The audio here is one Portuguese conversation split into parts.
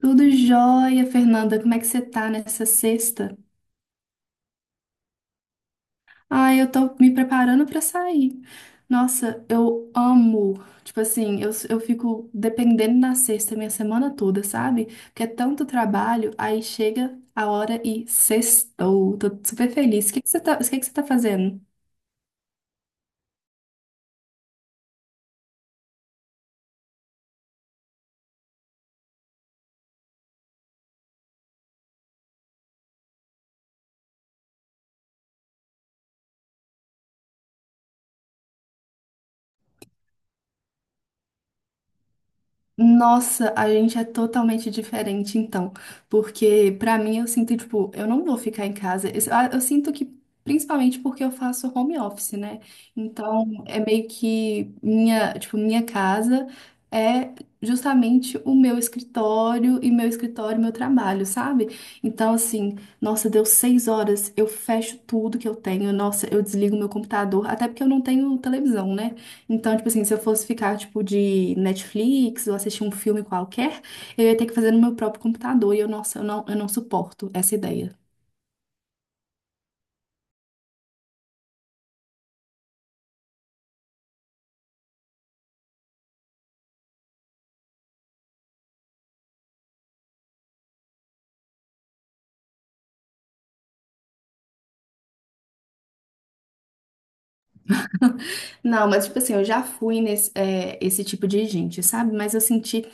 Tudo jóia, Fernanda. Como é que você tá nessa sexta? Ah, eu tô me preparando pra sair. Nossa, eu amo. Tipo assim, eu fico dependendo da sexta minha semana toda, sabe? Porque é tanto trabalho, aí chega a hora e sextou. Tô super feliz. O que que você tá fazendo? Nossa, a gente é totalmente diferente então, porque pra mim eu sinto tipo, eu não vou ficar em casa. Eu, ah, eu sinto que principalmente porque eu faço home office, né? Então, é meio que minha, tipo, minha casa é justamente o meu escritório e meu escritório, meu trabalho, sabe? Então, assim, nossa, deu seis horas, eu fecho tudo que eu tenho, nossa, eu desligo meu computador, até porque eu não tenho televisão, né? Então, tipo assim, se eu fosse ficar, tipo, de Netflix ou assistir um filme qualquer, eu ia ter que fazer no meu próprio computador e eu não suporto essa ideia. Não, mas, tipo assim, eu já fui nesse, é, esse tipo de gente, sabe? Mas eu senti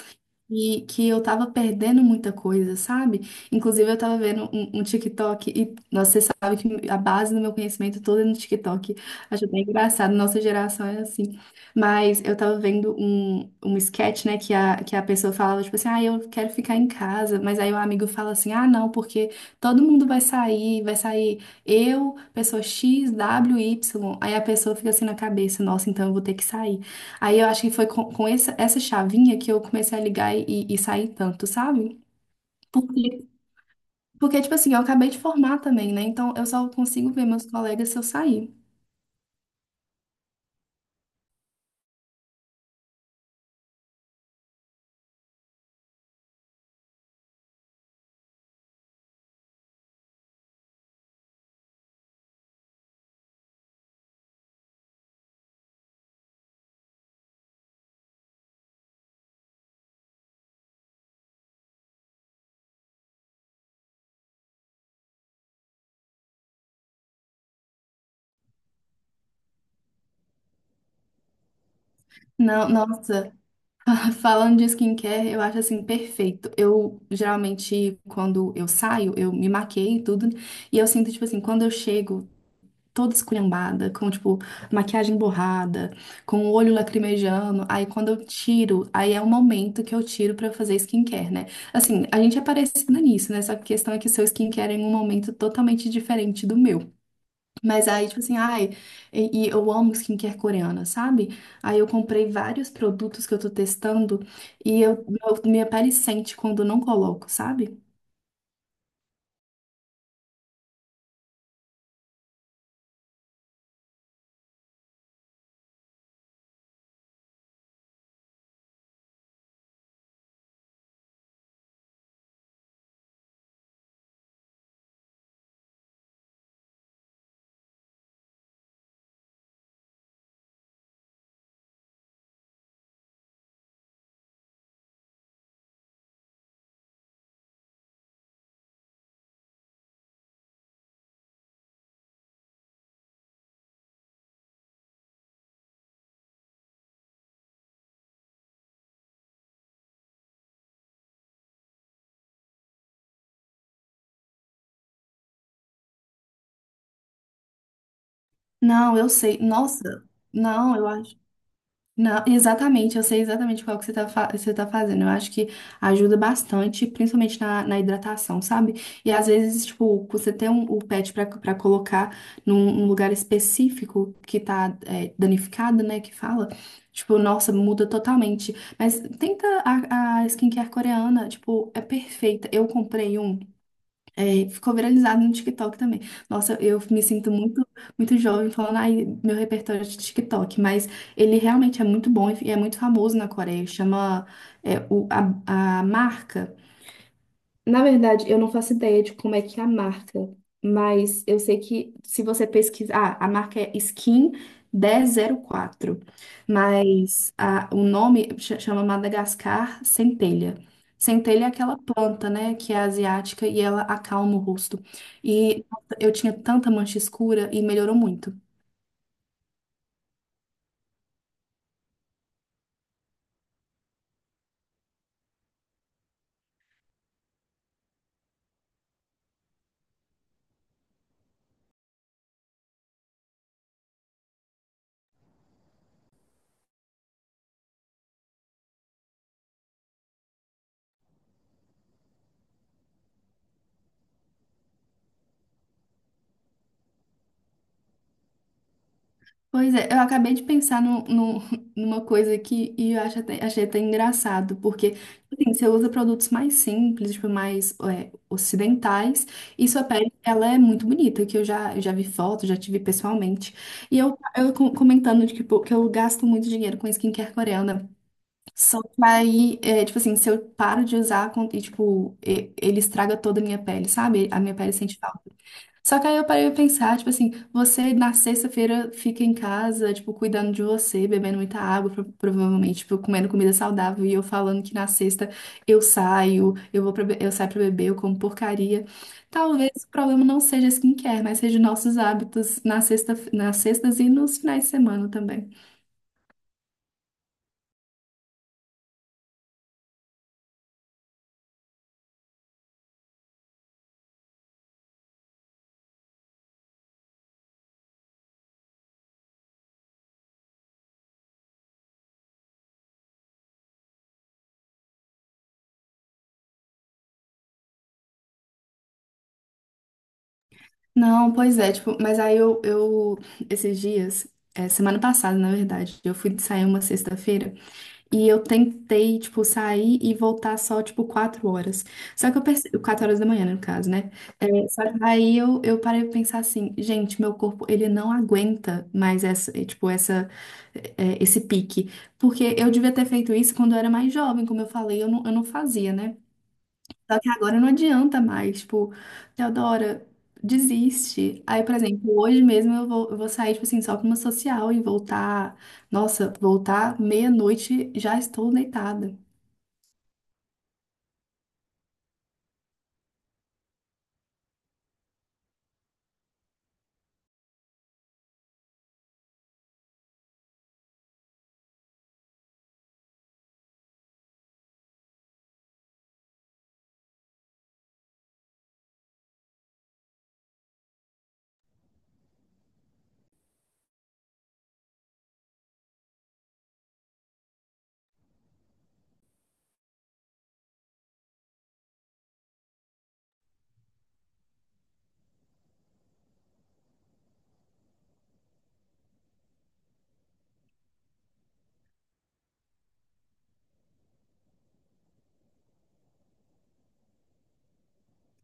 e que eu tava perdendo muita coisa, sabe? Inclusive, eu tava vendo um TikTok, e nossa, você sabe que a base do meu conhecimento todo é no TikTok. Acho bem engraçado, nossa geração é assim. Mas eu tava vendo um sketch, né, que a pessoa falava, tipo assim, ah, eu quero ficar em casa. Mas aí o amigo fala assim, ah, não, porque todo mundo vai sair eu, pessoa X, W, Y. Aí a pessoa fica assim na cabeça, nossa, então eu vou ter que sair. Aí eu acho que foi com essa, essa chavinha que eu comecei a ligar e sair tanto, sabe? Porque, porque, tipo assim, eu acabei de formar também, né? Então eu só consigo ver meus colegas se eu sair. Não, nossa, falando de skincare, eu acho assim perfeito. Eu geralmente, quando eu saio, eu me maqueio e tudo, e eu sinto, tipo assim, quando eu chego. Toda esculhambada, com, tipo, maquiagem borrada, com o olho lacrimejando. Aí quando eu tiro, aí é o momento que eu tiro pra fazer skincare, né? Assim, a gente é parecida nisso, né? Só que a questão é que seu skincare é em um momento totalmente diferente do meu. Mas aí, tipo assim, ai, e eu amo skincare coreana, sabe? Aí eu comprei vários produtos que eu tô testando e eu, meu- minha pele sente quando eu não coloco, sabe? Não, eu sei. Nossa, não, eu acho. Não, exatamente, eu sei exatamente qual que você tá, fa- você tá fazendo. Eu acho que ajuda bastante, principalmente na, na hidratação, sabe? E às vezes, tipo, você tem um, o pet pra, pra colocar num, num lugar específico que tá é, danificado, né? Que fala, tipo, nossa, muda totalmente. Mas tenta a skincare coreana, tipo, é perfeita. Eu comprei um. É, ficou viralizado no TikTok também. Nossa, eu me sinto muito, muito jovem falando, ai, meu repertório é de TikTok, mas ele realmente é muito bom e é muito famoso na Coreia. Chama, é, o, a marca. Na verdade, eu não faço ideia de como é que é a marca, mas eu sei que se você pesquisar, ah, a marca é Skin 1004, mas a- o nome ch- chama Madagascar Centelha. Centelha é aquela planta, né, que é asiática e ela acalma o rosto. E nossa, eu tinha tanta mancha escura e melhorou muito. Pois é, eu acabei de pensar no, no- numa coisa aqui e eu acho até- achei até engraçado, porque assim, você usa produtos mais simples, tipo, mais é, ocidentais, e sua pele, ela é muito bonita, que eu já, já vi foto, já tive pessoalmente. E eu co- comentando de que, pô, que eu gasto muito dinheiro com skincare coreana. Só que aí, é, tipo assim, se eu paro de usar, com- e, tipo, e- ele estraga toda a minha pele, sabe? A minha pele sente falta. Só que aí eu parei pra pensar, tipo assim, você na sexta-feira fica em casa, tipo, cuidando de você, bebendo muita água, pro- provavelmente, tipo, comendo comida saudável, e eu falando que na sexta eu saio, eu vou pra, be- eu saio pra beber, eu como porcaria. Talvez o problema não seja skincare, mas seja nossos hábitos na sexta, nas sextas e nos finais de semana também. Não, pois é, tipo, mas aí eu esses dias, é, semana passada, na verdade, eu fui sair uma sexta-feira. E eu tentei, tipo, sair e voltar só, tipo, quatro horas. Só que eu percebi... Quatro horas da manhã, né, no caso, né? É, só que aí eu parei pra pensar assim, gente, meu corpo, ele não aguenta mais essa, eh, tipo, essa, eh, esse pique. Porque eu devia ter feito isso quando eu era mais jovem, como eu falei, eu não fazia, né? Só que agora não adianta mais, tipo, Teodora, desiste. Aí, por exemplo, hoje mesmo eu vou sair, tipo assim, só pra uma social e voltar. Nossa, voltar meia-noite, já estou deitada.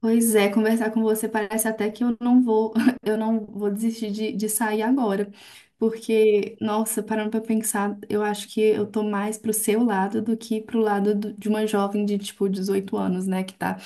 Pois é, conversar com você parece até que eu não vou, eu não vou desistir de sair agora. Porque, nossa, parando pra pensar, eu acho que eu tô mais pro seu lado do que pro lado do- de uma jovem de, tipo, 18 anos, né? Que tá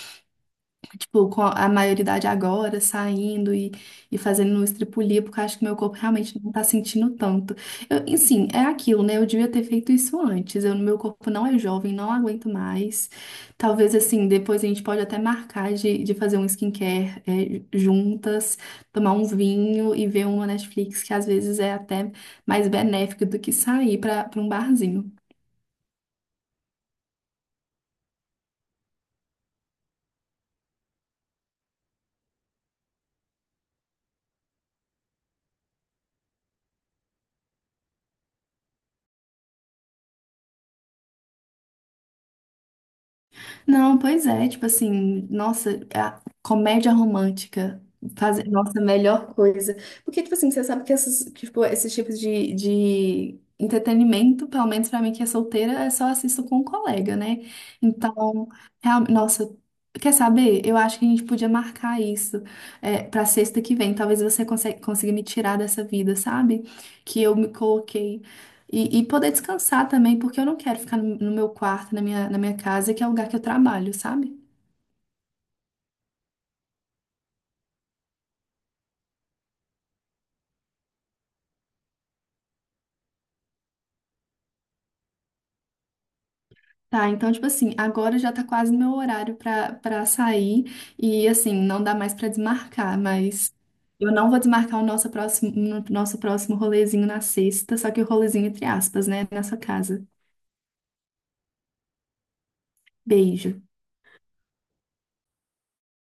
tipo, com a maioridade agora, saindo e fazendo um estripulia, porque eu acho que meu corpo realmente não tá sentindo tanto. Eu, e, sim, é aquilo, né? Eu devia ter feito isso antes. Eu, meu corpo não é jovem, não aguento mais. Talvez, assim, depois a gente pode até marcar de fazer um skincare, é, juntas, tomar um vinho e ver uma Netflix, que às vezes é até mais benéfico do que sair para um barzinho. Não, pois é, tipo assim, nossa, é a comédia romântica fazer nossa a melhor coisa. Porque, tipo assim, você sabe que esses, tipo, esses tipos de entretenimento, pelo menos pra mim que é solteira, é só assisto com um colega, né? Então, real- nossa, quer saber? Eu acho que a gente podia marcar isso é, pra sexta que vem. Talvez você consiga, consiga me tirar dessa vida, sabe? Que eu me coloquei. E poder descansar também, porque eu não quero ficar no, no meu quarto, na minha casa, que é o lugar que eu trabalho, sabe? Tá, então, tipo assim, agora já tá quase no meu horário pra, pra sair. E, assim, não dá mais pra desmarcar, mas eu não vou desmarcar o nosso próximo, no- nosso próximo rolezinho na sexta, só que o rolezinho entre aspas, né? Nessa casa. Beijo.